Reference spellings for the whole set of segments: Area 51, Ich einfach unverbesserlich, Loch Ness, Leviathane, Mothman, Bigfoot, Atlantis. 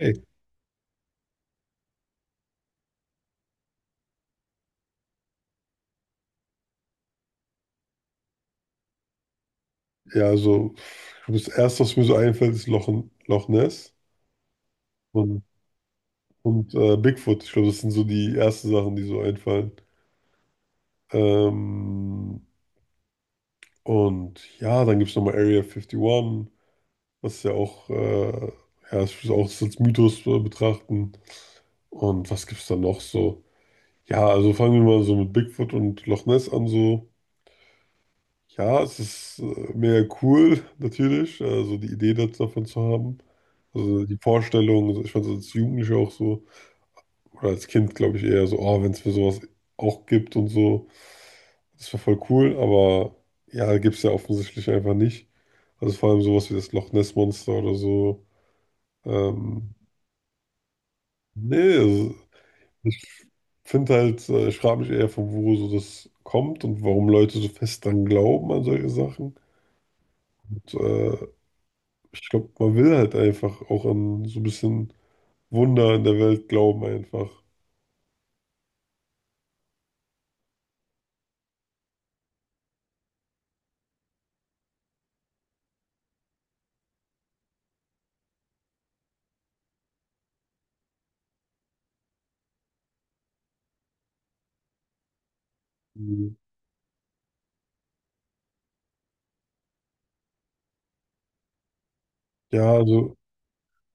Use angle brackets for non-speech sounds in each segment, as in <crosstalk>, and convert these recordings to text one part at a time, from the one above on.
Ey, ja, also ich glaube, das Erste, was mir so einfällt, ist Loch Ness und, und Bigfoot. Ich glaube, das sind so die ersten Sachen, die so einfallen. Ähm, und ja, dann gibt es nochmal Area 51, was ja auch, ja, ich würde auch das als Mythos betrachten. Und was gibt es da noch so? Ja, also fangen wir mal so mit Bigfoot und Loch Ness an so. Ja, es ist mega cool, natürlich, also die Idee davon zu haben. Also die Vorstellung, also ich fand es als Jugendlicher auch so, oder als Kind glaube ich eher so, oh, wenn es für sowas auch gibt und so, das wäre voll cool, aber ja, gibt es ja offensichtlich einfach nicht. Also vor allem sowas wie das Loch Ness Monster oder so. Ähm, Nee, also ich finde halt, ich frage mich eher, von wo so das kommt und warum Leute so fest dran glauben an solche Sachen. Und, äh, Ich glaube, man will halt einfach auch an so ein bisschen Wunder in der Welt glauben einfach. Mhm. Ja, also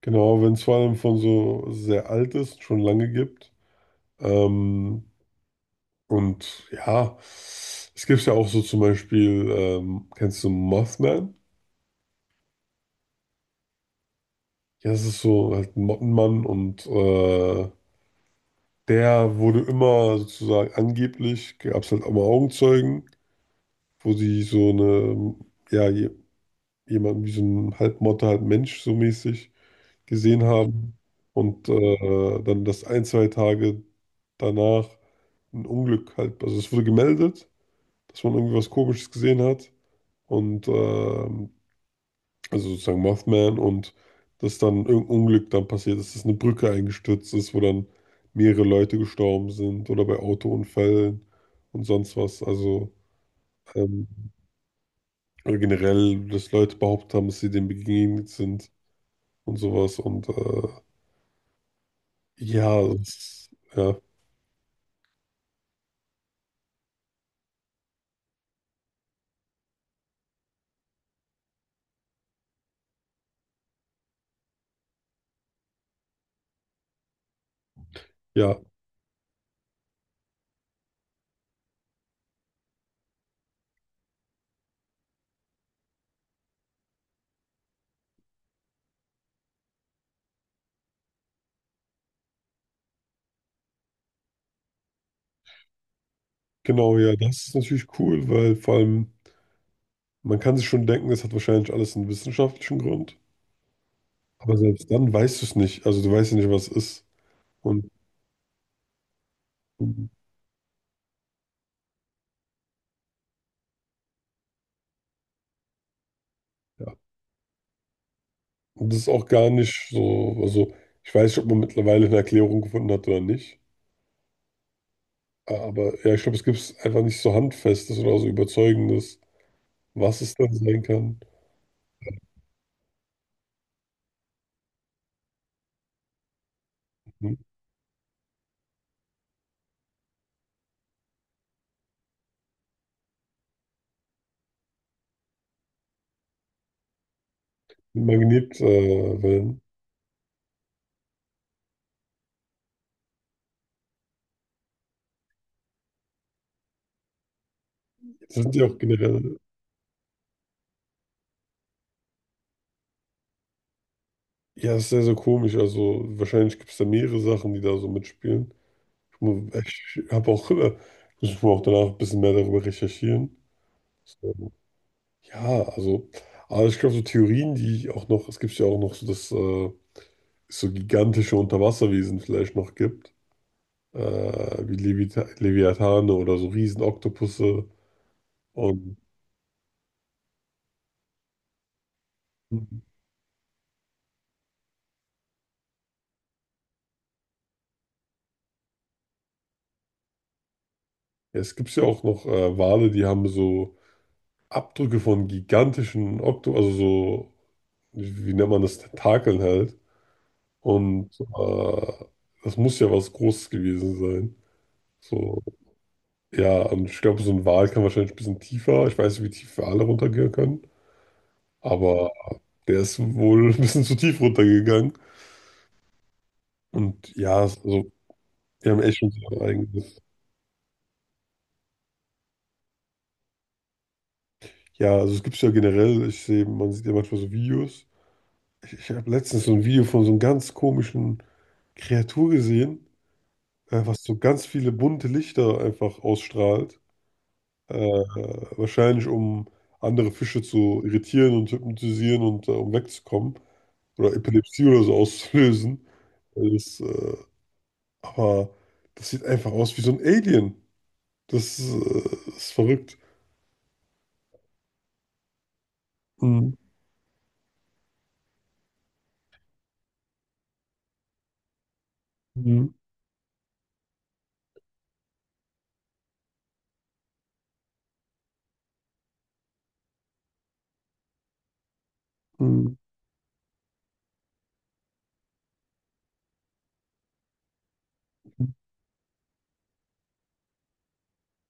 genau, wenn es vor allem von so sehr alt ist, schon lange gibt. Ähm, und ja, es gibt ja auch so zum Beispiel, kennst du Mothman? Ja, es ist so halt ein Mottenmann und der wurde immer sozusagen angeblich, gab es halt auch mal Augenzeugen, wo sie so eine, ja, jemanden wie so einen Halbmotte, halb Mensch so mäßig gesehen haben und dann das ein, zwei Tage danach ein Unglück halt, also es wurde gemeldet, dass man irgendwie was Komisches gesehen hat und also sozusagen Mothman und dass dann irgendein Unglück dann passiert ist, dass eine Brücke eingestürzt ist, wo dann mehrere Leute gestorben sind oder bei Autounfällen und sonst was, also ähm, oder generell, dass Leute behauptet haben, dass sie dem begegnet sind und sowas. Ja, das, ja, ja, genau, ja, das ist natürlich cool, weil vor allem, man kann sich schon denken, das hat wahrscheinlich alles einen wissenschaftlichen Grund. Aber selbst dann weißt du es nicht. Also du weißt ja nicht, was es ist. Und und ja, und das ist auch gar nicht so, also ich weiß nicht, ob man mittlerweile eine Erklärung gefunden hat oder nicht. Aber ja, ich glaube, es gibt einfach nicht so Handfestes oder so Überzeugendes, was es dann sein kann. Magnetwellen. Wellen. Das sind ja auch generell ja, ist sehr, sehr komisch. Also wahrscheinlich gibt es da mehrere Sachen, die da so mitspielen. Ich habe auch, ich muss auch danach ein bisschen mehr darüber recherchieren. So, ja, also, aber ich glaube, so Theorien, die auch noch, es gibt ja auch noch so, dass es so gigantische Unterwasserwesen vielleicht noch gibt, äh, wie Levita Leviathane oder so Riesenoktopusse. Und ja, es gibt ja auch noch Wale, die haben so Abdrücke von gigantischen Okto, also so, wie nennt man das, Tentakeln halt. Und das muss ja was Großes gewesen sein. So, ja, und ich glaube, so ein Wal kann wahrscheinlich ein bisschen tiefer. Ich weiß nicht, wie tief Wale runtergehen können, aber der ist wohl <laughs> ein bisschen zu tief runtergegangen. Und ja, also, wir haben echt schon so ein eigenes. Ja, also es gibt es ja generell, ich sehe, man sieht ja manchmal so Videos. Ich habe letztens so ein Video von so einem ganz komischen Kreatur gesehen, was so ganz viele bunte Lichter einfach ausstrahlt. Äh, Wahrscheinlich um andere Fische zu irritieren und hypnotisieren und um wegzukommen. Oder Epilepsie oder so auszulösen. Das, äh, aber das sieht einfach aus wie so ein Alien. Das, äh, Ist verrückt. Mhm. Mhm. Mhm.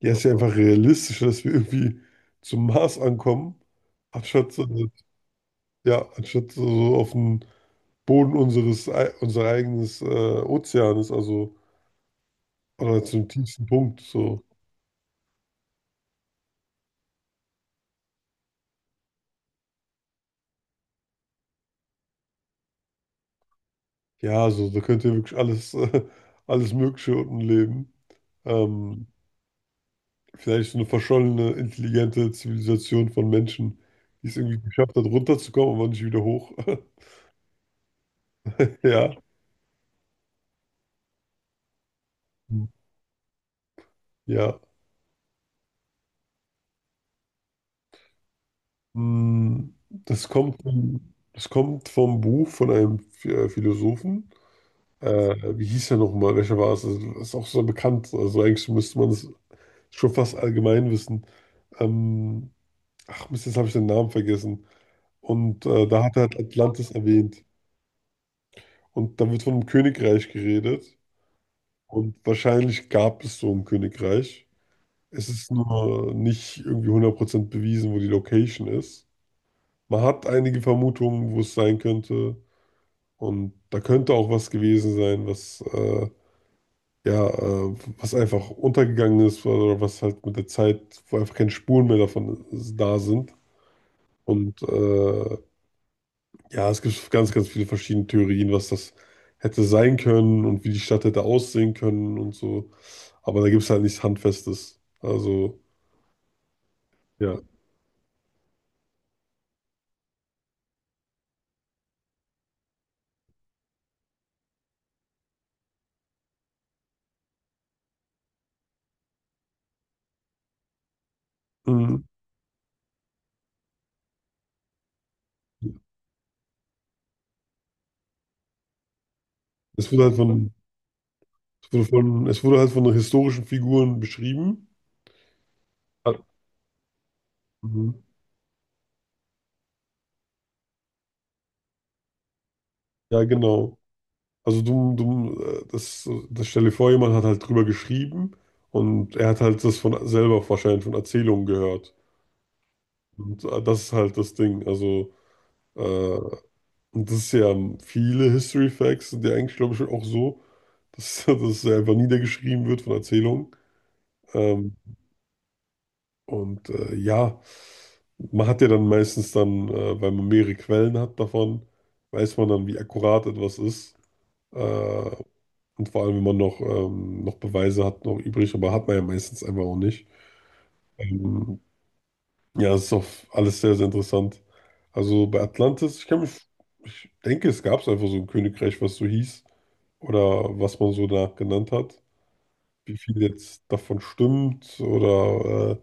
Ja, ist ja einfach realistisch, dass wir irgendwie zum Mars ankommen, anstatt, ja, anstatt so auf dem Boden unseres, unser eigenes Ozeans, also oder zum tiefsten Punkt. So. Ja, also da könnt ihr wirklich alles, <laughs> alles Mögliche unten leben. Ähm, Vielleicht so eine verschollene, intelligente Zivilisation von Menschen, die es irgendwie geschafft hat, runterzukommen, aber nicht wieder hoch. <laughs> Ja, ja. Hm, das kommt vom Buch von einem Philosophen. Wie hieß er nochmal? Welcher war es? Also, das ist auch so bekannt. Also eigentlich müsste man es schon fast allgemein wissen. Ähm, Ach Mist, jetzt habe ich den Namen vergessen. Und da hat er halt Atlantis erwähnt. Und da wird von einem Königreich geredet. Und wahrscheinlich gab es so ein Königreich. Es ist nur nicht irgendwie hundert Prozent bewiesen, wo die Location ist. Man hat einige Vermutungen, wo es sein könnte. Und da könnte auch was gewesen sein, was, ja, was einfach untergegangen ist oder was halt mit der Zeit, wo einfach keine Spuren mehr davon da sind. Und äh, Ja, es gibt ganz, ganz viele verschiedene Theorien, was das hätte sein können und wie die Stadt hätte aussehen können und so. Aber da gibt es halt nichts Handfestes. Also, ja. Mhm. Es wurde halt von, es wurde halt von historischen Figuren beschrieben. Hat- Mhm. Ja, genau. Also das stell dir vor, jemand hat halt drüber geschrieben und er hat halt das von selber wahrscheinlich von Erzählungen gehört. Und das ist halt das Ding. Äh, Und das ist ja viele History Facts sind ja eigentlich, glaube ich, auch so, dass, <laughs> das einfach niedergeschrieben wird von Erzählungen. Ähm, ja, man hat ja dann meistens dann, weil man mehrere Quellen hat davon, weiß man dann, wie akkurat etwas ist. Äh, und vor allem, wenn man noch, noch Beweise hat, noch übrig, aber hat man ja meistens einfach auch nicht. Ähm, ja, es ist auch alles sehr, sehr interessant. Also bei Atlantis, ich denke, es gab es einfach so ein Königreich, was so hieß oder was man so da genannt hat, wie viel jetzt davon stimmt oder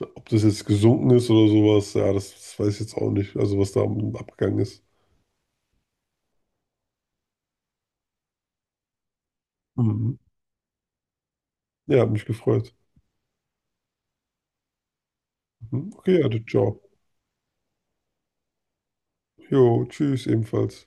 ob das jetzt gesunken ist oder sowas, ja, das, das weiß ich jetzt auch nicht, also was da abgegangen ist. Mhm. Ja, hat mich gefreut. Mhm. Okay, ja, ciao. Jo, tschüss ebenfalls.